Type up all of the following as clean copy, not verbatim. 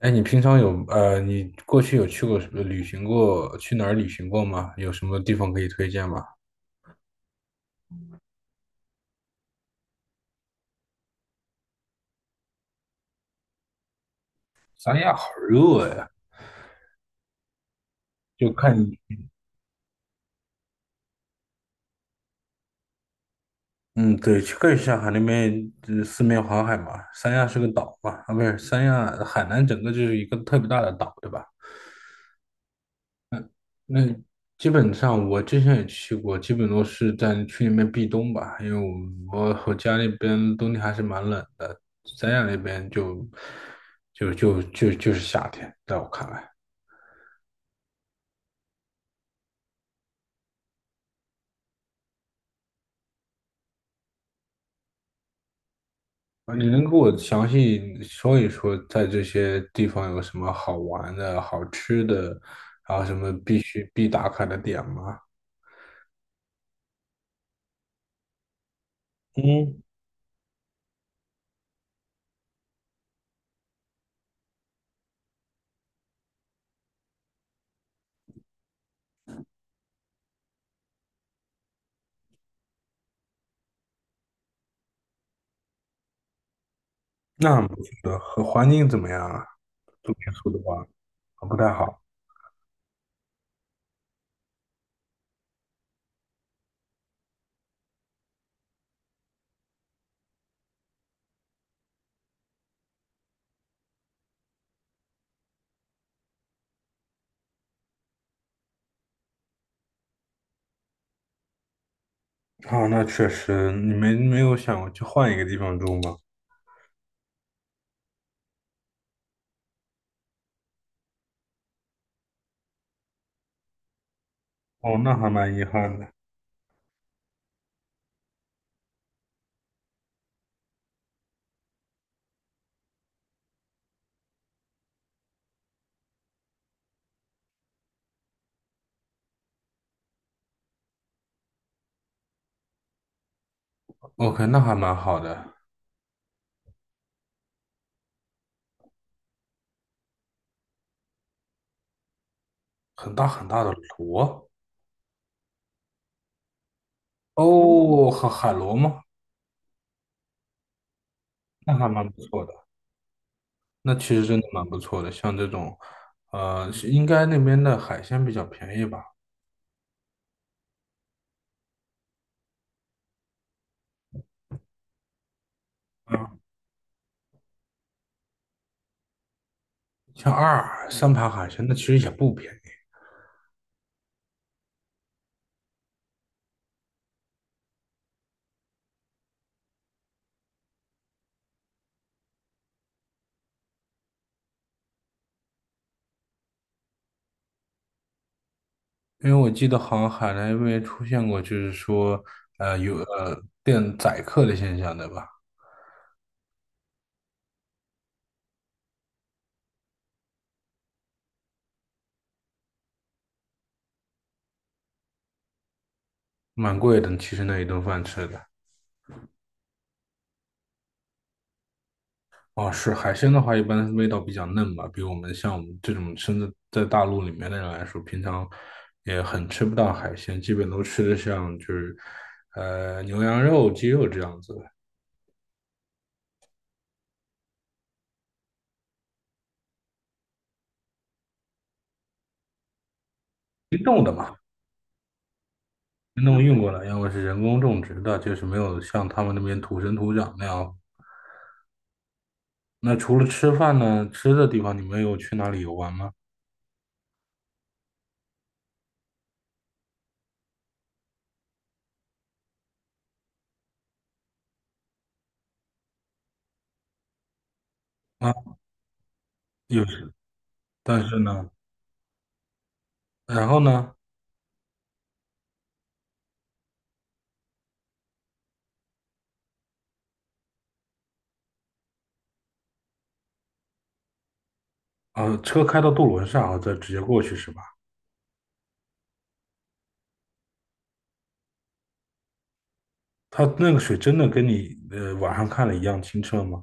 哎，你平常有你过去有去过什么旅行过？去哪儿旅行过吗？有什么地方可以推荐吗？三亚好热呀！就看你，嗯，对，去可以下海那边，呃四面环海嘛。三亚是个岛嘛，啊，不是，三亚海南整个就是一个特别大的岛，对吧？那基本上我之前也去过，基本都是在去那边避冬吧，因为我家那边冬天还是蛮冷的，三亚那边就是夏天，在我看来。啊，你能给我详细说一说，在这些地方有什么好玩的、好吃的，然后什么必须必打卡的点吗？嗯，那很不错的，和环境怎么样啊？住民宿的话，啊不太好。啊，那确实，你没有想过去换一个地方住吗？哦，那还蛮遗憾的。OK，那还蛮好的，很大很大的螺。哦，海螺吗？那还蛮不错的。那其实真的蛮不错的，像这种，呃，是应该那边的海鲜比较便宜吧？啊，像二尔三盘海鲜，那其实也不便宜，因为我记得好像海南那边出现过，就是说，有店宰客的现象，对吧？蛮贵的，其实那一顿饭吃的。哦，是海鲜的话，一般味道比较嫩吧，比我们像我们这种身在大陆里面的人来说，平常也很吃不到海鲜，基本都吃的像就是，呃，牛羊肉、鸡肉这样子。冰冻的嘛，冰冻运过来，要么是人工种植的，就是没有像他们那边土生土长那样。那除了吃饭呢，吃的地方你们有去哪里游玩吗？啊，有，但是呢，然后呢，啊，车开到渡轮上，然后再直接过去是吧？它那个水真的跟你网上看的一样清澈吗？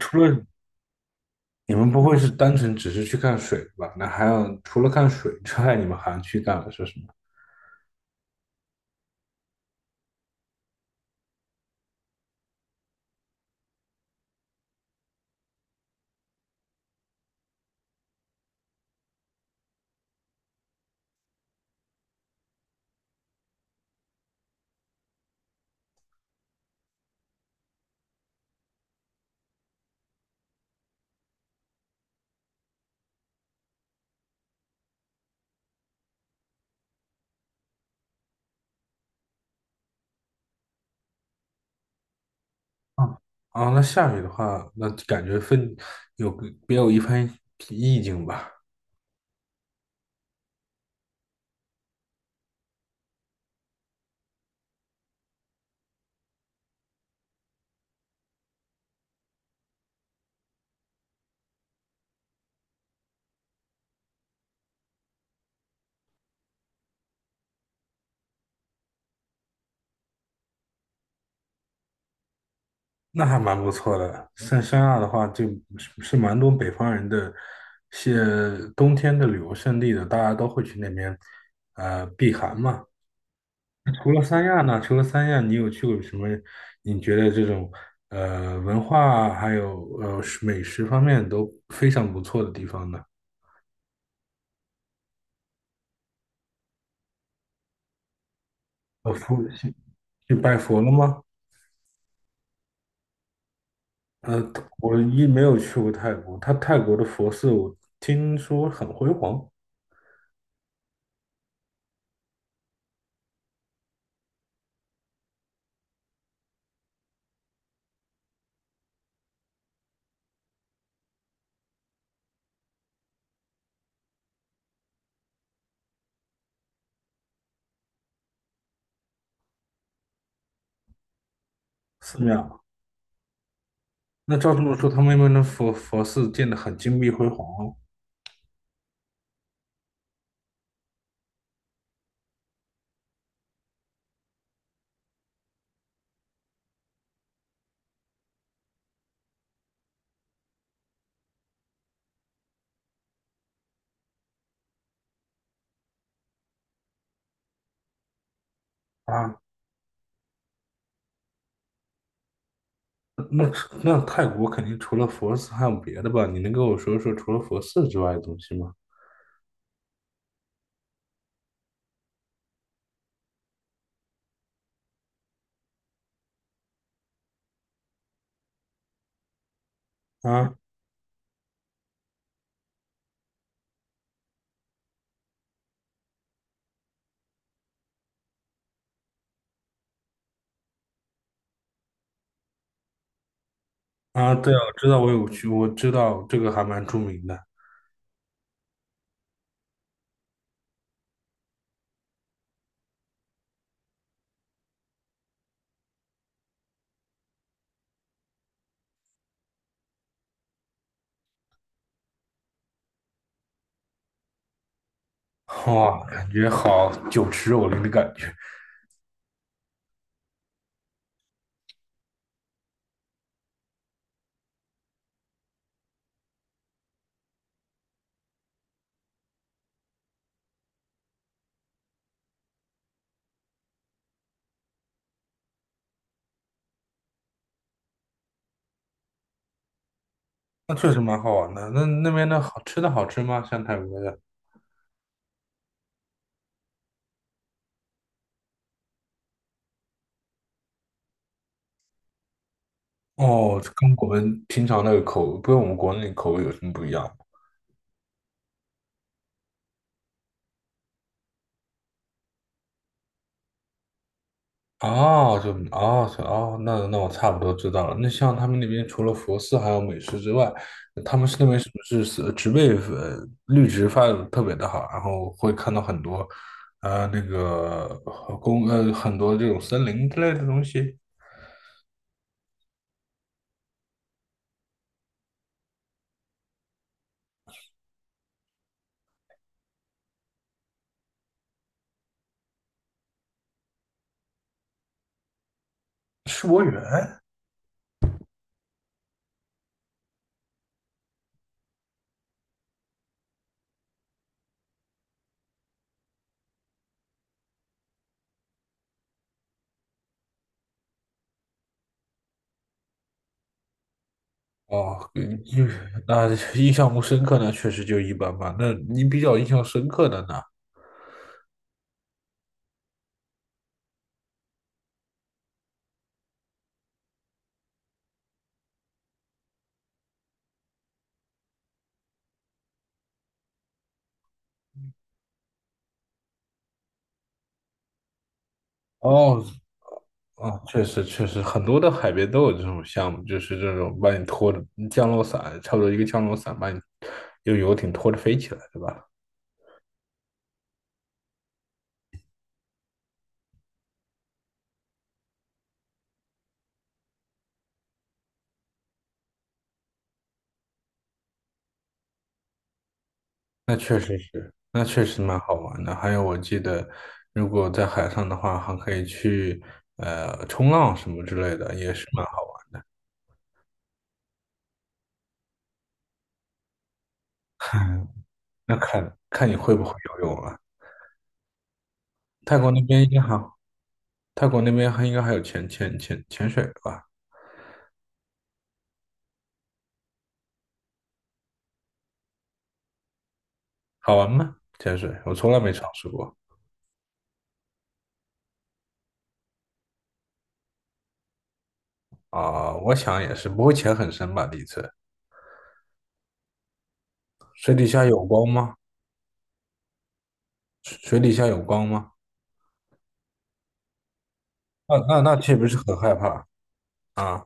除了你们不会是单纯只是去看水吧？那还有除了看水之外，你们还去干了些什么？啊，啊那下雨的话，那感觉分有个别有一番意境吧，那还蛮不错的。像三亚的话，就是是蛮多北方人的些冬天的旅游胜地的，大家都会去那边呃避寒嘛。那除了三亚呢？除了三亚，你有去过什么？你觉得这种呃文化啊还有呃美食方面都非常不错的地方呢？呃，佛去拜佛了吗？呃，我一没有去过泰国，他泰国的佛寺我听说很辉煌，寺庙。那照这么说，他们那边的佛寺建得很金碧辉煌哦啊。那那泰国肯定除了佛寺还有别的吧？你能跟我说说除了佛寺之外的东西吗？啊啊，对啊，我知道，我有去，我知道这个还蛮著名的。哇，感觉好酒池肉林的感觉，那确实蛮好玩的。那那边的好吃的好吃吗？像泰国的？哦，跟我们平常那个口，跟我们国内口味有什么不一样吗？哦，就哦是哦，那那我差不多知道了。那像他们那边除了佛寺还有美食之外，他们是那边是不是是植被绿植发的特别的好，然后会看到很多呃那个呃公呃很多这种森林之类的东西。世博园哦，印那 印象不深刻呢，确实就一般般。那你比较印象深刻的呢？哦，啊，确实确实，很多的海边都有这种项目，就是这种把你拖着降落伞，差不多一个降落伞把你用游艇拖着飞起来，对吧？那确实是，那确实蛮好玩的。还有，我记得如果在海上的话，还可以去冲浪什么之类的，也是蛮好玩。那看看你会不会游泳啊？泰国那边应该还，泰国那边还应该还有潜水吧？好玩吗？潜水我从来没尝试过。啊、我想也是，不会潜很深吧？第一次，水底下有光吗？水底下有光吗？那岂不是很害怕啊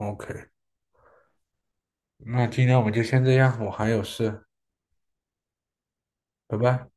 ？OK，那今天我们就先这样，我还有事，拜拜。